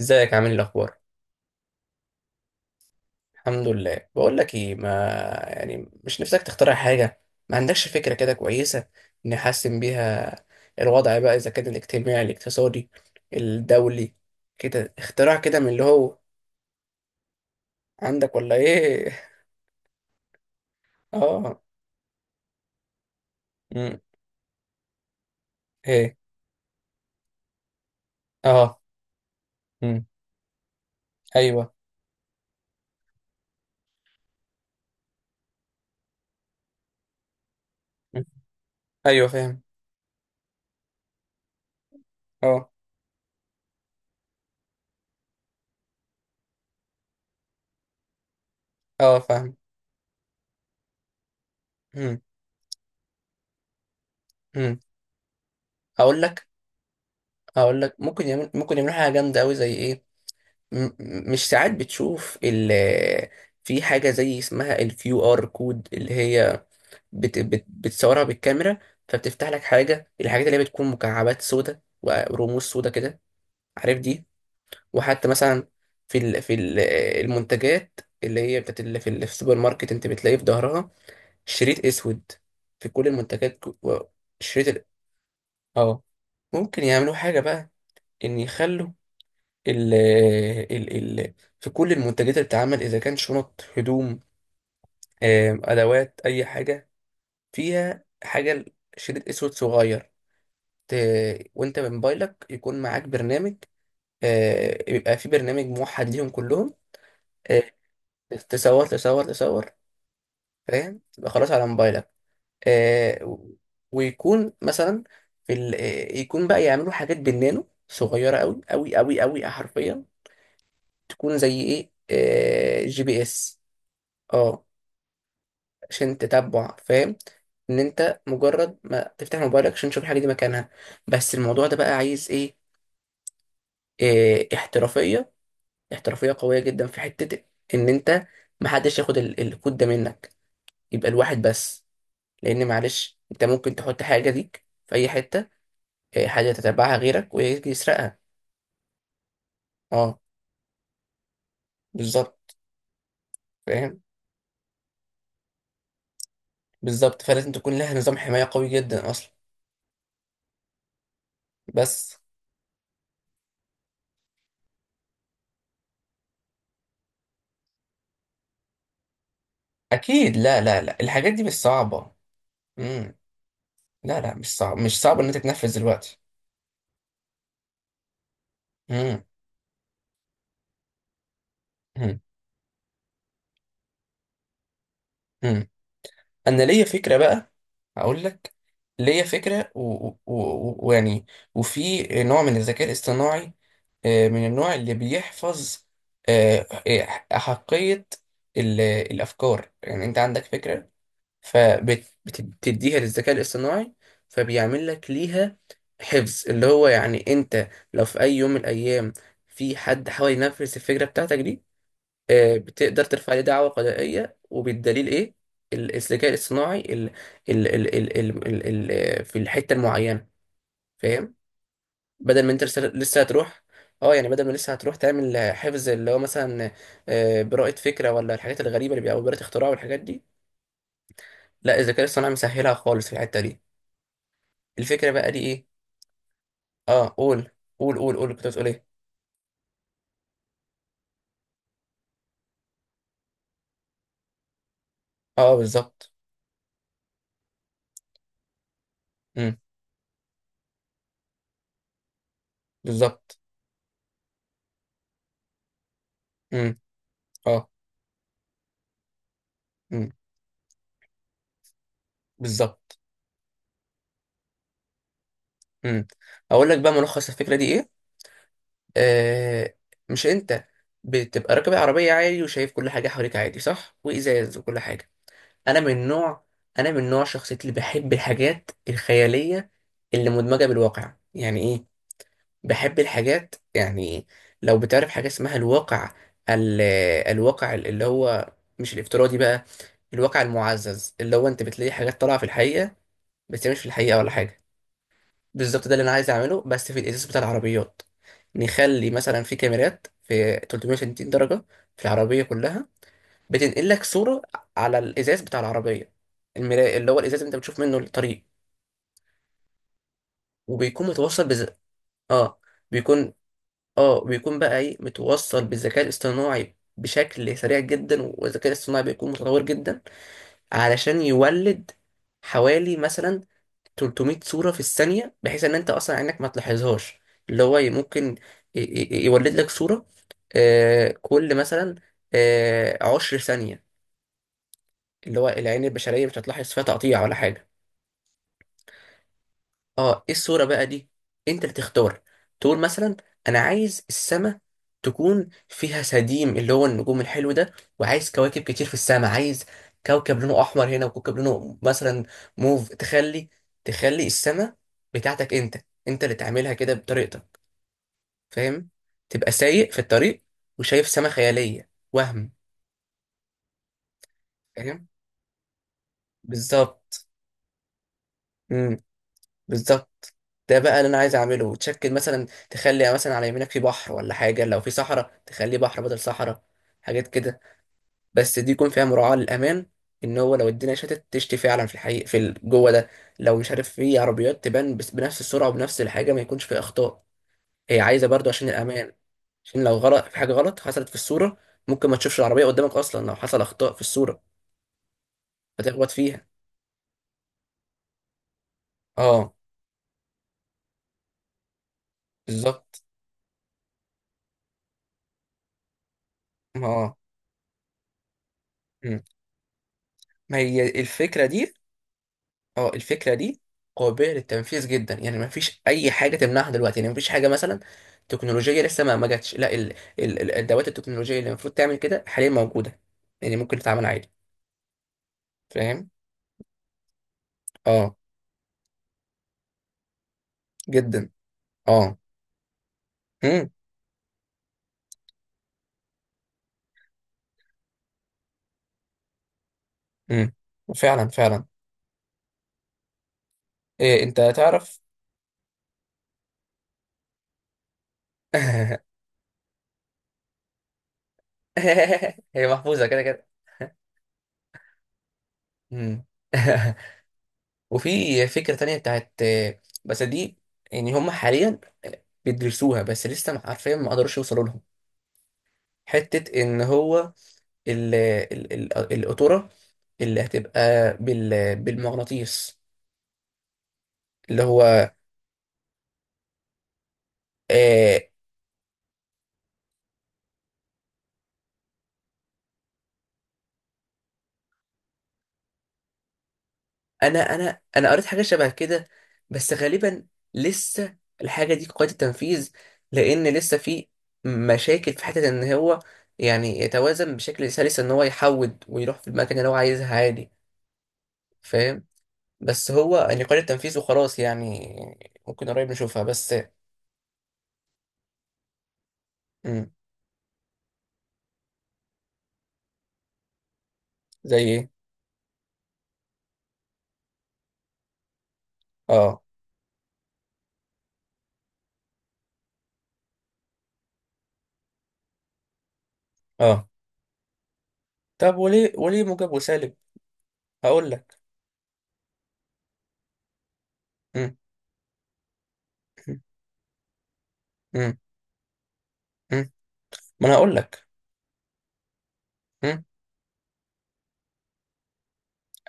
ازيك؟ عامل ايه؟ الاخبار؟ الحمد لله. بقول لك ايه، ما يعني مش نفسك تخترع حاجه؟ ما عندكش فكره كده كويسه نحسن بيها الوضع بقى، اذا كان الاجتماعي، الاقتصادي، الدولي، كده اختراع كده، من اللي هو عندك ولا ايه؟ اه. امم. ايه. اه. امم. ايوه. مم. ايوه، فاهم. اه اه، فاهم. امم. امم. هقول لك. هقول لك، ممكن يعملوا حاجه جامده قوي، زي ايه؟ مش ساعات بتشوف في حاجة زي اسمها QR code، اللي هي بت بت بتصورها بالكاميرا، فبتفتح لك حاجة. الحاجات اللي هي بتكون مكعبات سودة ورموز سودة كده، عارف دي؟ وحتى مثلا في المنتجات، اللي هي بتاعت اللي في السوبر ماركت، انت بتلاقي في ظهرها شريط اسود في كل المنتجات. شريط ال- اه، ممكن يعملوا حاجة بقى، ان يخلوا ال ال في كل المنتجات اللي بتتعمل، اذا كان شنط، هدوم، ادوات، اي حاجه فيها حاجه، شريط اسود صغير. وانت بموبايلك يكون معاك برنامج. يبقى في برنامج موحد ليهم كلهم. آه، تصور تصور تصور. فاهم؟ تبقى خلاص على موبايلك. آه، و- ويكون مثلا في ال... آه، يكون بقى، يعملوا حاجات بالنانو صغيره قوي قوي قوي قوي، حرفيا. تكون زي ايه، GPS، اه عشان تتبع. فاهم؟ ان انت مجرد ما تفتح موبايلك عشان تشوف الحاجه دي مكانها. بس الموضوع ده بقى عايز ايه، احترافيه. احترافيه قويه جدا في حته ان انت محدش ياخد الكود ده منك. يبقى الواحد بس، لان معلش انت ممكن تحط حاجه ليك في اي حته، حاجه تتبعها غيرك ويجي يسرقها. اه، بالظبط. فاهم، بالظبط، فلازم تكون لها نظام حمايه قوي جدا اصلا. بس. اكيد، لا لا لا، الحاجات دي مش صعبه. مم. لا لا، مش صعب، مش صعب ان انت تنفذ دلوقتي. مم. مم. مم. انا ليا فكره بقى. هقول لك. ليا فكره، ويعني، ويعني، وفي نوع من الذكاء الاصطناعي، من النوع اللي بيحفظ، آه، آه، احقيه الافكار. يعني انت عندك فكره فبتديها للذكاء الاصطناعي، فبيعمل لك ليها حفظ، اللي هو يعني انت لو في اي يوم من الايام في حد حاول ينفذ الفكره بتاعتك دي، بتقدر ترفع عليه دعوة قضائية، وبالدليل ايه؟ الذكاء الاصطناعي ال في الحتة المعينة. فاهم؟ بدل ما انت لسه هتروح. اه، يعني بدل ما لسه هتروح تعمل حفظ اللي هو مثلا براءة فكرة ولا الحاجات الغريبة اللي بيبقى، أو براءة اختراع والحاجات دي. لا، الذكاء الاصطناعي مسهلها خالص في الحتة دي. الفكرة بقى دي ايه؟ اه، قول قول قول قول، كنت بتقول ايه؟ اه، بالظبط. امم. بالظبط. امم. اه. امم. بالظبط. امم. اقول لك بقى ملخص الفكرة دي ايه. آه مش انت بتبقى راكب العربية عادي وشايف كل حاجة حواليك عادي، صح؟ وإزاز وكل حاجة. أنا من نوع أنا من نوع شخصيتي اللي بحب الحاجات الخيالية اللي مدمجة بالواقع، يعني إيه؟ بحب الحاجات يعني، لو بتعرف حاجة اسمها الواقع، ال الواقع، اللي هو مش الافتراضي بقى، الواقع المعزز، اللي هو أنت بتلاقي حاجات طالعة في الحقيقة بس هي مش في الحقيقة ولا حاجة. بالظبط، ده اللي انا عايز اعمله، بس في الازاز بتاع العربيات. نخلي مثلا في كاميرات في 360 درجه في العربيه كلها، بتنقل لك صوره على الازاز بتاع العربيه، المراية، اللي هو الازاز اللي انت بتشوف منه الطريق، وبيكون متوصل بز... اه بيكون اه بيكون بقى ايه، متوصل بالذكاء الاصطناعي بشكل سريع جدا، والذكاء الاصطناعي بيكون متطور جدا علشان يولد حوالي مثلا 300 صورة في الثانية، بحيث ان انت اصلا عينك ما تلاحظهاش، اللي هو ممكن يولد لك صورة كل مثلا 10 ثانية، اللي هو العين البشرية مش هتلاحظ فيها تقطيع ولا حاجة. اه، ايه الصورة بقى دي؟ انت اللي تختار. تقول مثلا، انا عايز السماء تكون فيها سديم، اللي هو النجوم الحلو ده، وعايز كواكب كتير في السماء، عايز كوكب لونه احمر هنا، وكوكب لونه مثلا موف، تخلي السماء بتاعتك انت، انت اللي تعملها كده بطريقتك. فاهم؟ تبقى سايق في الطريق وشايف سماء خيالية وهم. فاهم، بالظبط. بالظبط، ده بقى اللي انا عايز اعمله. تشكل مثلا، تخلي مثلا على يمينك في بحر ولا حاجه، لو في صحراء تخليه بحر بدل صحراء، حاجات كده. بس دي يكون فيها مراعاه للامان، ان هو لو الدنيا تشتي فعلا في الحقيقه جوه ده، لو مش عارف، في عربيات تبان بس بنفس السرعه وبنفس الحاجه، ما يكونش في اخطاء. هي عايزه برضو عشان الامان، عشان لو غلط في حاجه، غلط حصلت في الصوره، ممكن ما تشوفش العربيه قدامك اصلا لو حصل اخطاء في الصوره، فتخبط فيها. اه، بالظبط. ما اه مم. ما هي الفكره دي. اه، الفكره دي قابله للتنفيذ جدا، يعني ما فيش اي حاجه تمنعها دلوقتي، يعني ما فيش حاجه مثلا تكنولوجيه لسه ما جاتش. لا، الادوات التكنولوجيه اللي المفروض تعمل كده حاليا موجوده، يعني ممكن تتعمل عادي. فاهم. اه. جدا. اه. امم. امم. فعلا فعلا. إيه انت تعرف؟ هي محفوظه كده كده. امم. وفي فكره تانية بتاعت، بس دي يعني هم حاليا بيدرسوها، بس لسه عارفين ما قدروش يوصلوا لها، حتة إن هو ال القطورة اللي هتبقى بالمغناطيس، اللي هو آه. أنا قريت حاجة شبه كده. بس غالبا لسه الحاجة دي قيد التنفيذ، لأن لسه في مشاكل في حتة إن هو يعني يتوازن بشكل سلس، إن هو يحود ويروح في المكان اللي هو عايزها عادي. فاهم. بس هو يعني قيد التنفيذ وخلاص يعني، ممكن قريب نشوفها. بس. مم. زي إيه؟ آه. آه. طب وليه، وليه موجب وسالب؟ هقول لك. مم، مم، مم، مم. ما انا هقول لك. مم.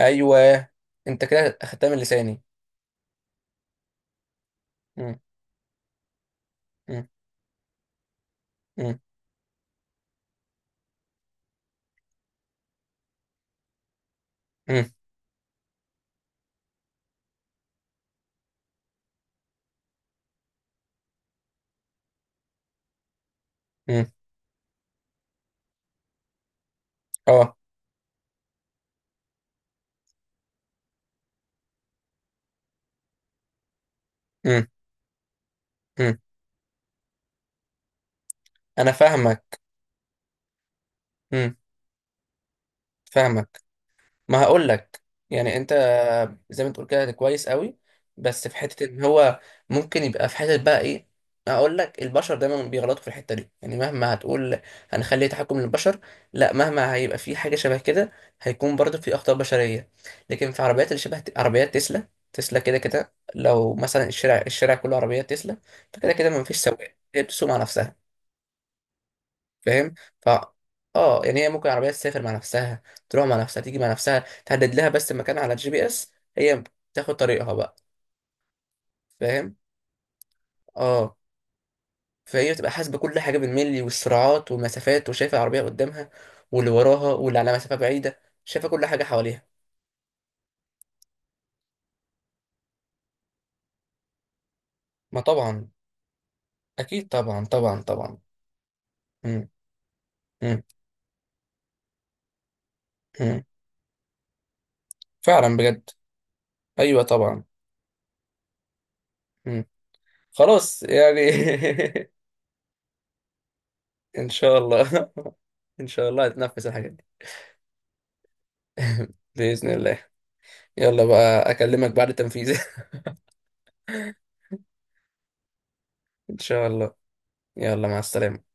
ايوه، انت كده اخدتها من لساني. مم، مم، مم، مم، مم. اه. مم، مم. انا فاهمك. مم. فاهمك. ما هقول لك، يعني انت زي ما تقول كده كويس قوي، بس في حته ان هو ممكن يبقى في حته بقى ايه. اقول لك، البشر دايما بيغلطوا في الحته دي، يعني مهما هتقول هنخلي تحكم للبشر، لا، مهما هيبقى في حاجه شبه كده هيكون برضه في اخطاء بشريه. لكن في عربيات اللي شبه عربيات تسلا، تسلا كده كده، لو مثلا الشارع، الشارع كله عربيات تسلا، فكده كده ما فيش سواق، هي بتسوق مع نفسها. فاهم. ف اه، يعني هي ممكن العربيه تسافر مع نفسها، تروح مع نفسها، تيجي مع نفسها، تحدد لها بس مكان على GPS، هي تاخد طريقها بقى. فاهم. اه. فهي بتبقى حاسبه كل حاجه بالملي، والسرعات والمسافات، وشايفه العربيه قدامها واللي وراها واللي على مسافه بعيده، شايفه كل حاجه حواليها. ما طبعا. اكيد، طبعا طبعا طبعا. مم. مم. مم. فعلا بجد. ايوه، طبعا. مم. خلاص يعني. ان شاء الله. ان شاء الله هتنفذ الحاجات دي. باذن الله. يلا بقى، اكلمك بعد التنفيذ. ان شاء الله. يلا، مع السلامة.